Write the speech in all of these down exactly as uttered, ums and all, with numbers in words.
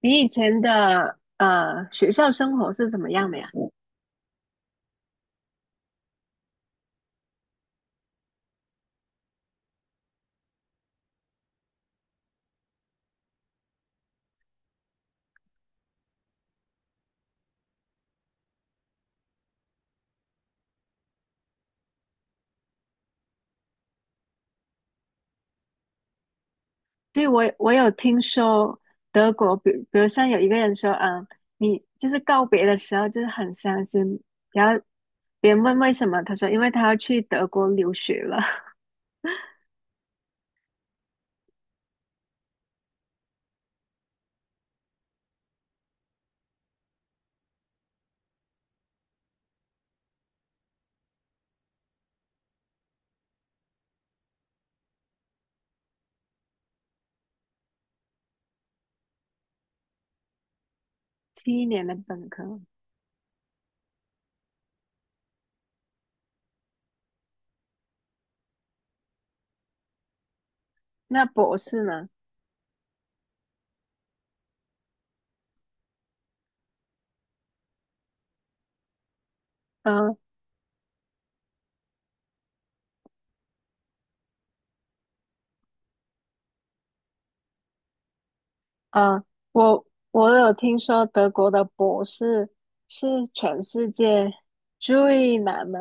你以前的呃学校生活是怎么样的呀？对，我我有听说德国，比比如像有一个人说，嗯，你就是告别的时候就是很伤心，然后别人问为什么，他说因为他要去德国留学了，七年的本科，那博士呢？嗯嗯，我我有听说德国的博士是全世界最难的，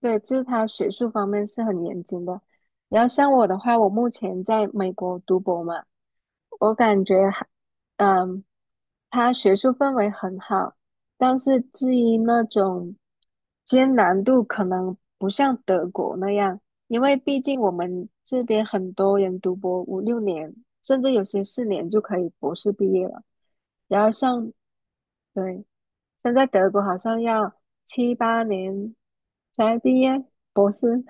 对，就是他学术方面是很严谨的。然后像我的话，我目前在美国读博嘛，我感觉还，嗯，他学术氛围很好，但是至于那种艰难度，可能不像德国那样，因为毕竟我们这边很多人读博五六年，甚至有些四年就可以博士毕业了。然后像，对，像在德国好像要七八年才毕业博士。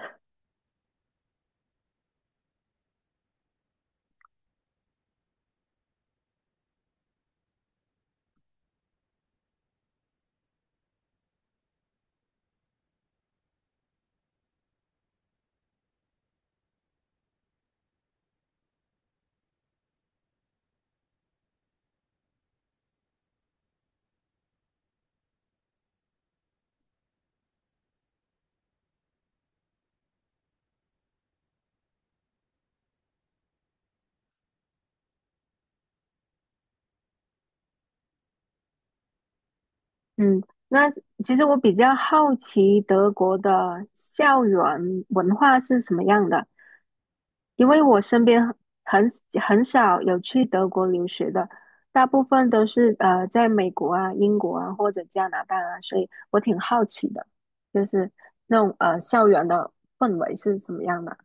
嗯，那其实我比较好奇德国的校园文化是什么样的，因为我身边很很少有去德国留学的，大部分都是呃在美国啊、英国啊或者加拿大啊，所以我挺好奇的，就是那种呃校园的氛围是什么样的。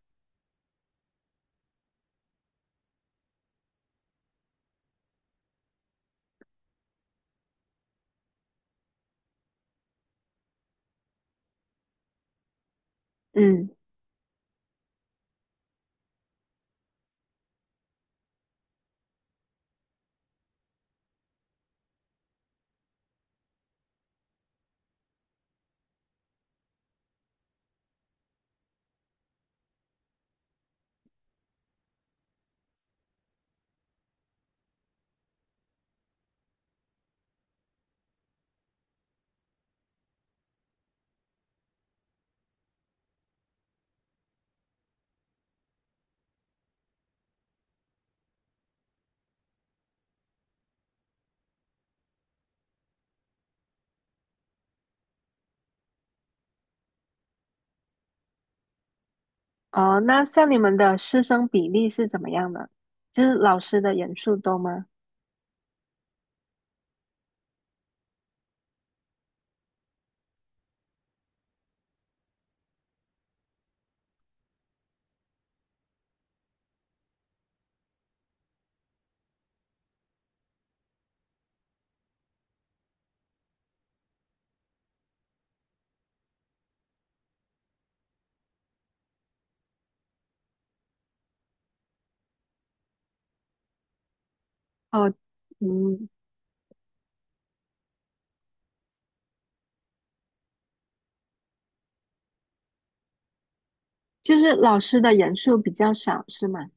嗯，哦，那像你们的师生比例是怎么样的？就是老师的人数多吗？哦，嗯，就是老师的人数比较少，是吗？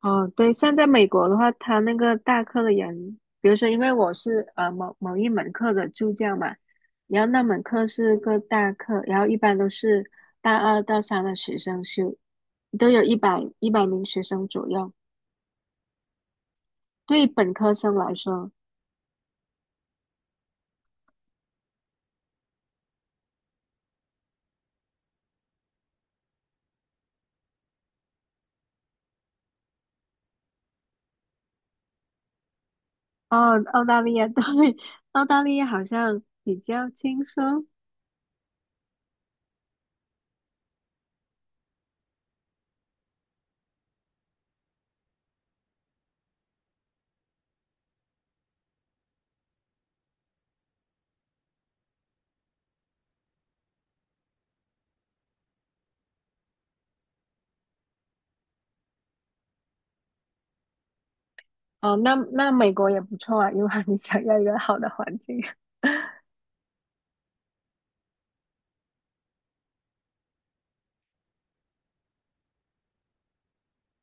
哦，对，像在美国的话，他那个大课的人，比如说，因为我是呃某某一门课的助教嘛，然后那门课是个大课，然后一般都是大二到三的学生修，都有一百一百名学生左右。对于本科生来说，哦，澳大利亚 对，澳大利亚好像比较轻松。哦，那那美国也不错啊，如果 你想要一个好的环境，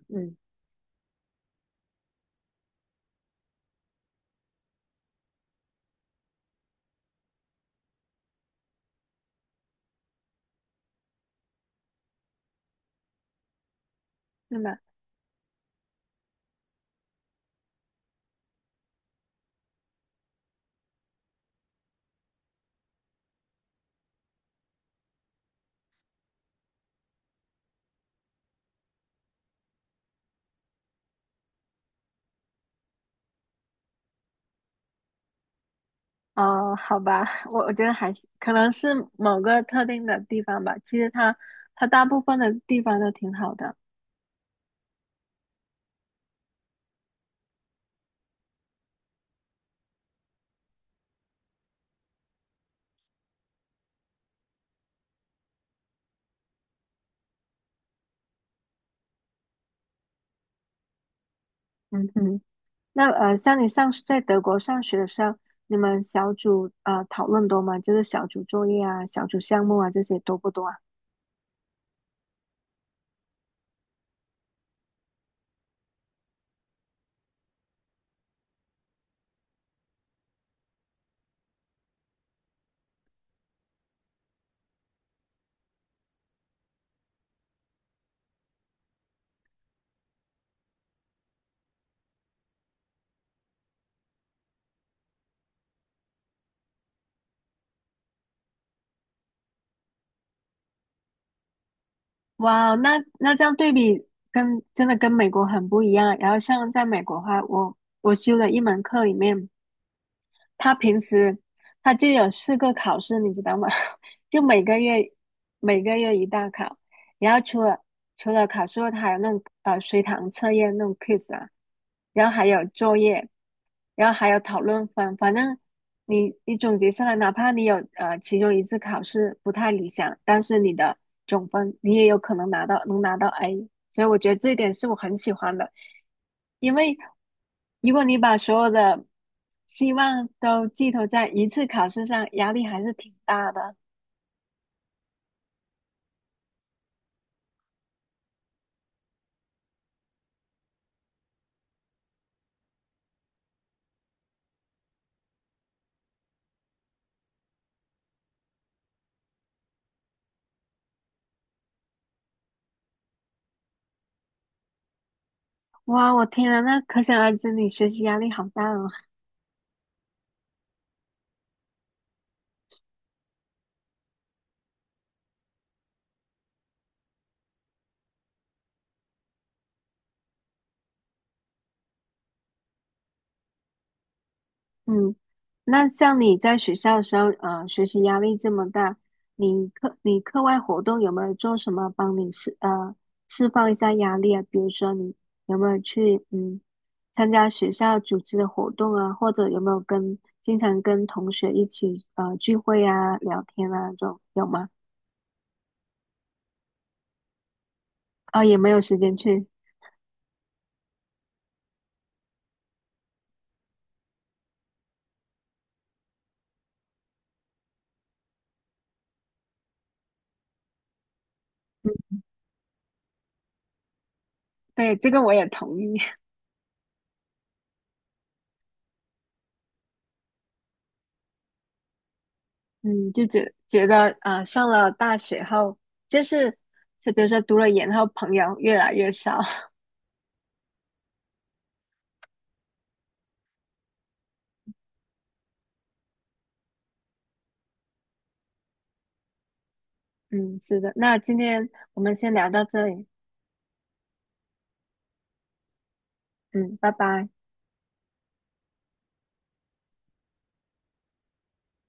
嗯，是吗？哦，好吧，我我觉得还是可能是某个特定的地方吧。其实它它大部分的地方都挺好的。嗯哼，那呃，像你上在德国上学的时候，你们小组呃讨论多吗？就是小组作业啊、小组项目啊这些多不多啊？哇，那那这样对比跟真的跟美国很不一样。然后像在美国的话，我我修了一门课里面。他平时他就有四个考试，你知道吗？就每个月每个月一大考，然后除了除了考试后，它还有那种呃随堂测验那种 quiz 啊，然后还有作业，然后还有讨论分，反正你你总结下来，哪怕你有呃其中一次考试不太理想，但是你的总分你也有可能拿到能拿到 A，所以我觉得这一点是我很喜欢的，因为如果你把所有的希望都寄托在一次考试上，压力还是挺大的。哇，我天啊，那可想而知你学习压力好大哦。嗯，那像你在学校的时候，呃，学习压力这么大，你课你课外活动有没有做什么帮你释呃释放一下压力啊？比如说你有没有去嗯参加学校组织的活动啊，或者有没有跟经常跟同学一起呃聚会啊、聊天啊这种有吗？啊，也没有时间去，对，这个我也同意。嗯，就觉觉得呃上了大学后，就是就比如说读了研后，朋友越来越少。嗯，是的。那今天我们先聊到这里。嗯，拜拜。